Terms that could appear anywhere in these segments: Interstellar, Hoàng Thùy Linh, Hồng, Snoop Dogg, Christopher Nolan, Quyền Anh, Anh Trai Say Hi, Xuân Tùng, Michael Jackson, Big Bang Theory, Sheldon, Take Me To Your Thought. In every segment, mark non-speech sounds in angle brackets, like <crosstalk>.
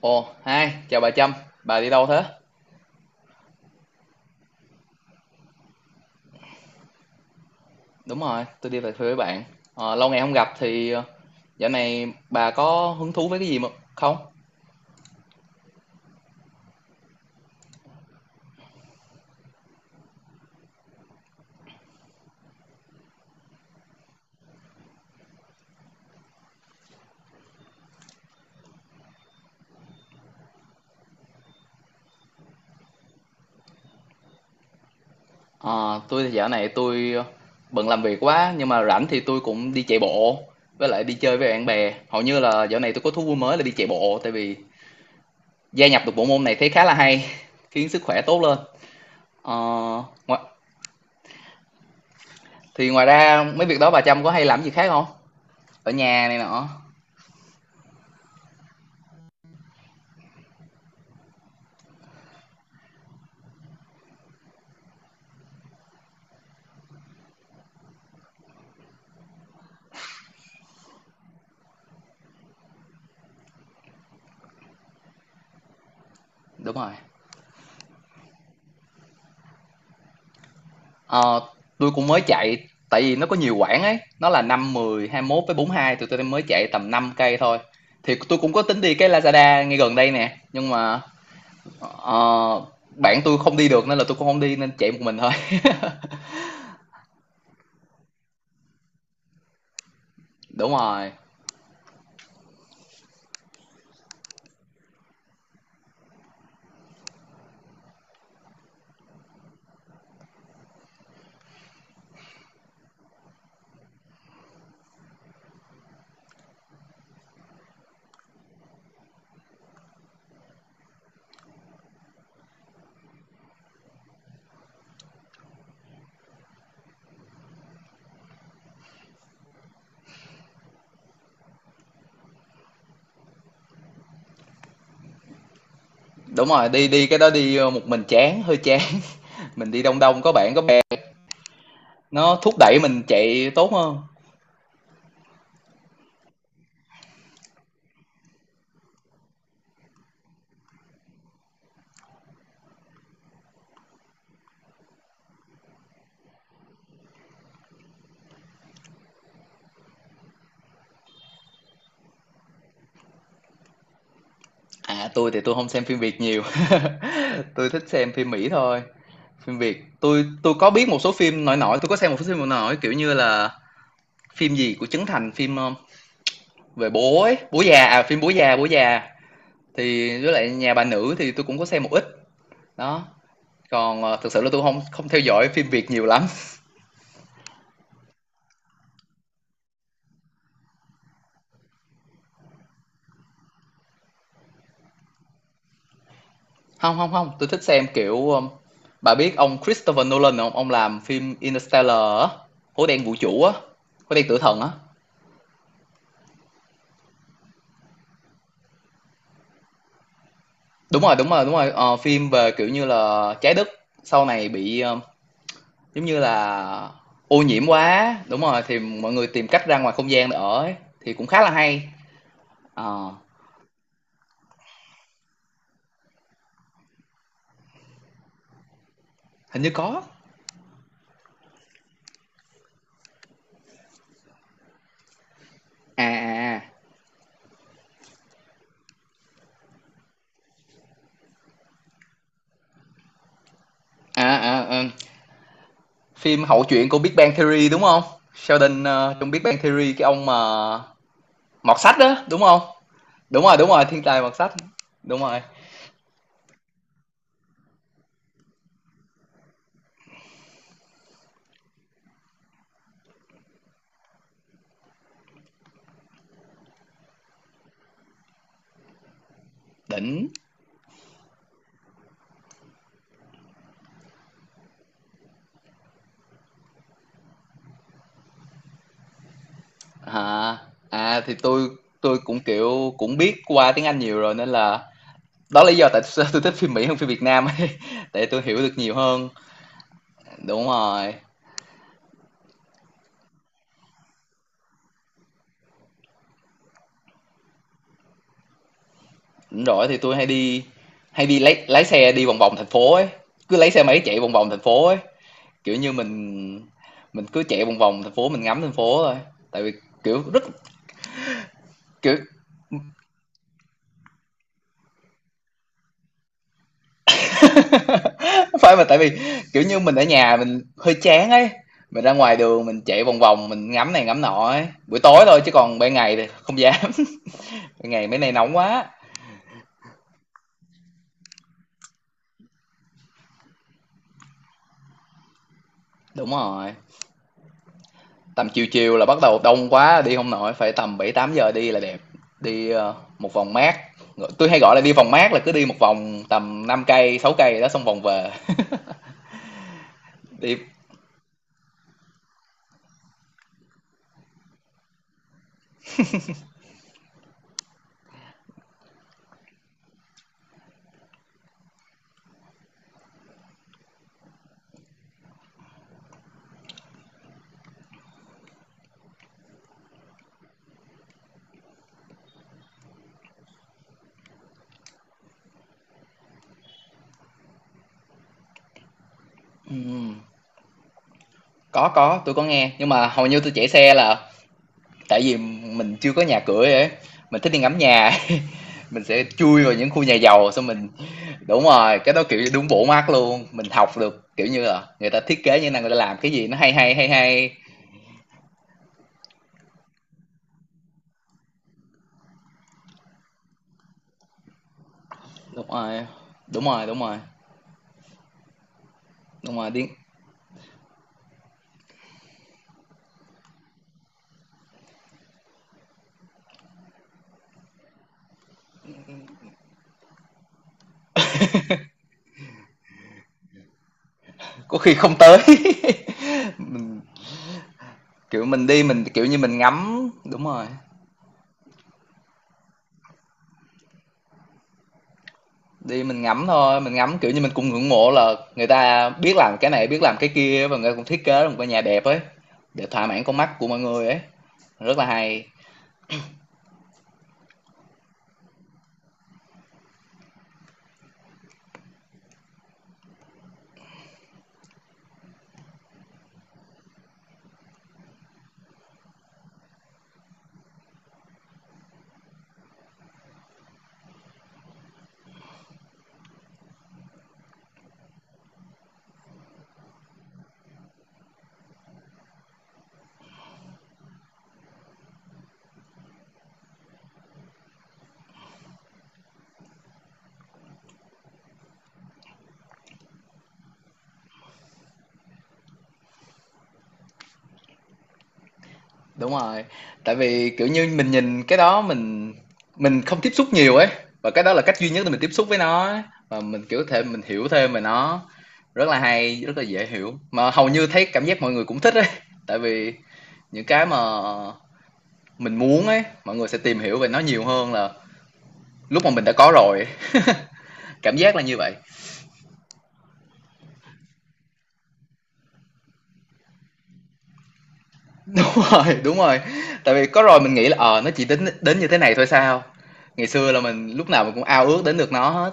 Ồ, hai chào bà Trâm, bà đi đâu thế? Đúng rồi, tôi đi về quê với bạn. Ờ, lâu ngày không gặp thì dạo này bà có hứng thú với cái gì mà không? Ờ, tôi thì dạo này bận làm việc quá nhưng mà rảnh thì tôi cũng đi chạy bộ với lại đi chơi với bạn bè. Hầu như là dạo này tôi có thú vui mới là đi chạy bộ tại vì gia nhập được bộ môn này thấy khá là hay, <laughs> khiến sức khỏe tốt lên. Ờ, ngoa- thì ngoài ra mấy việc đó bà Trâm có hay làm gì khác không? Ở nhà này nọ. Đúng rồi. Ờ, tôi cũng mới chạy tại vì nó có nhiều quãng ấy, nó là năm mười hai mốt với bốn hai, tụi tôi mới chạy tầm 5 cây thôi, thì tôi cũng có tính đi cái Lazada ngay gần đây nè nhưng mà ờ, bạn tôi không đi được nên là tôi cũng không đi nên chạy một mình thôi. <laughs> Đúng rồi. Đúng rồi, đi đi, cái đó đi ờ, một mình chán, hơi chán. <laughs> Mình đi đông đông có bạn có bè, nó thúc đẩy mình chạy tốt hơn. À, tôi thì tôi không xem phim Việt nhiều. <laughs> Tôi thích xem phim Mỹ thôi. Phim Việt, tôi có biết một số phim nổi nổi, tôi có xem một số phim nổi nổi, kiểu như là phim gì của Trấn Thành, phim, về bố ấy, Bố Già, à, phim Bố Già, Bố Già, thì với lại Nhà Bà Nữ thì tôi cũng có xem một ít, đó. Còn, ờ, thực sự là tôi không không theo dõi phim Việt nhiều lắm. <laughs> không không không tôi thích xem, kiểu, bà biết ông Christopher Nolan hông? Ông làm phim Interstellar á, Hố Đen Vũ Trụ á, Hố Đen Tử Thần á. Đúng rồi, đúng rồi, đúng rồi, ờ, phim về, kiểu như là, Trái Đất sau này bị, ờ, giống như là ô nhiễm quá, đúng rồi, thì mọi người tìm cách ra ngoài không gian để ở ấy, thì cũng khá là hay. Ờ, hình như có. À, à, à, à, à, ừ. Phim hậu truyện của Big Bang Theory đúng không? Sheldon ờ, trong Big Bang Theory cái ông mà mọt sách đó, đúng không? Đúng rồi, thiên tài mọt sách. Đúng rồi, đỉnh. À, à thì tôi, cũng kiểu cũng biết qua tiếng Anh nhiều rồi nên là đó là lý do tại sao tôi thích phim Mỹ hơn phim Việt Nam ấy. <laughs> Tại tôi hiểu được nhiều hơn. Đúng rồi. Đúng rồi, thì tôi hay đi, hay đi lấy lái xe đi vòng vòng thành phố ấy, cứ lấy xe máy chạy vòng vòng thành phố ấy, kiểu như mình cứ chạy vòng vòng thành phố, mình ngắm thành phố thôi, tại vì kiểu rất kiểu <laughs> phải mà, tại vì kiểu như mình ở nhà mình hơi chán ấy, mình ra ngoài đường mình chạy vòng vòng mình ngắm này ngắm nọ ấy, buổi tối thôi chứ còn ban ngày thì không dám. <laughs> Ban ngày mấy nay nóng quá. Đúng rồi, tầm chiều chiều là bắt đầu đông quá đi không nổi, phải tầm 7 8 giờ đi là đẹp. Đi ờ, một vòng mát, tôi hay gọi là đi vòng mát là cứ đi một vòng tầm 5 cây 6 cây đó xong vòng về. Đi ừm, có, tôi có nghe nhưng mà hầu như tôi chạy xe là tại vì mình chưa có nhà cửa ấy, mình thích đi ngắm nhà. <laughs> Mình sẽ chui vào những khu nhà giàu xong mình đúng rồi cái đó kiểu như đúng bộ mắt luôn, mình học được kiểu như là người ta thiết kế như thế nào, người ta làm cái gì, nó hay hay hay hay đúng rồi, đúng rồi, đúng rồi, đúng rồi đi. Có khi không tới. <laughs> Mình, kiểu, mình đi mình, kiểu như, mình ngắm đúng rồi, đi mình ngắm thôi, mình ngắm, kiểu như, mình cũng ngưỡng mộ là người ta biết làm cái này, biết làm cái kia và người ta cũng thiết kế ra một cái nhà đẹp ấy, để thỏa mãn con mắt của mọi người ấy, rất là hay. Đúng rồi, tại vì, kiểu như, mình nhìn cái đó mình không tiếp xúc nhiều ấy, và cái đó là cách duy nhất để mình tiếp xúc với nó ấy, và mình, kiểu, thể mình hiểu thêm về nó. Rất là hay, rất là dễ hiểu, mà hầu như thấy cảm giác mọi người cũng thích ấy, tại vì những cái mà mình muốn ấy mọi người sẽ tìm hiểu về nó nhiều hơn là lúc mà mình đã có rồi, cảm giác là như vậy. <laughs> Đúng rồi, đúng rồi, tại vì có rồi mình nghĩ là ờ à, nó chỉ đến đến như thế này thôi sao, ngày xưa là mình lúc nào mình cũng ao ước đến được nó hết.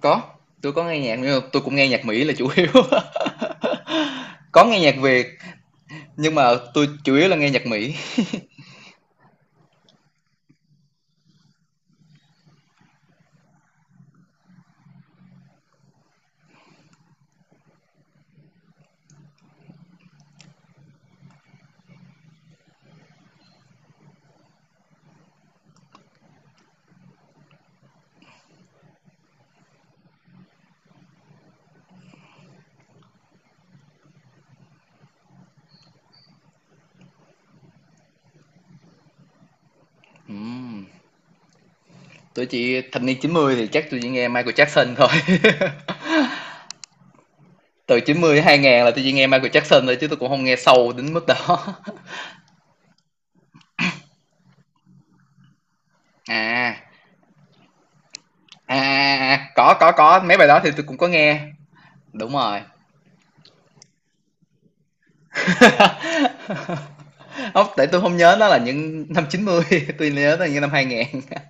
Có, tôi có nghe nhạc nhưng mà tôi cũng nghe nhạc Mỹ là chủ yếu, <laughs> có nghe nhạc Việt nhưng mà tôi chủ yếu là nghe nhạc Mỹ. Ừm, tôi chỉ thập niên 90 thì chắc tôi chỉ nghe Michael Jackson thôi. <laughs> Từ 90 đến 2000 là tôi chỉ nghe Michael Jackson thôi chứ tôi cũng không nghe sâu đến mức đó. <laughs> À à, à, à. Có có mấy bài đó thì tôi cũng có nghe đúng rồi. <laughs> Không tại tôi không nhớ nó là những năm 90, <laughs> tôi nhớ nó là những năm 2000. <laughs>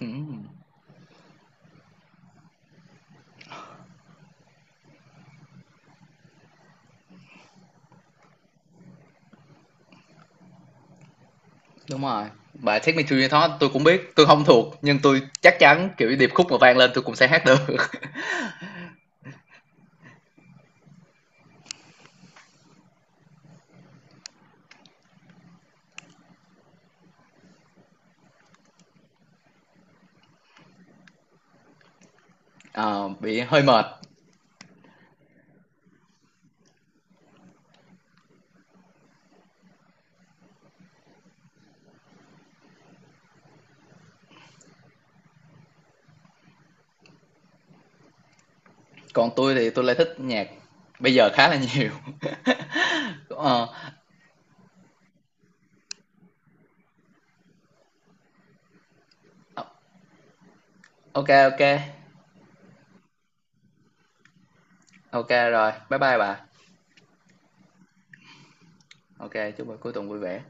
Ừ, đúng rồi, bài Take Me To Your Thought tôi cũng biết, tôi không thuộc nhưng tôi chắc chắn kiểu điệp khúc mà vang lên tôi cũng sẽ hát được. <laughs> Ờ, bị hơi mệt. Còn tôi thì tôi lại thích nhạc bây giờ khá là nhiều. <laughs> Ờ, OK, OK, OK rồi. Bye bye bà. OK, chúc buổi cuối tuần vui vẻ.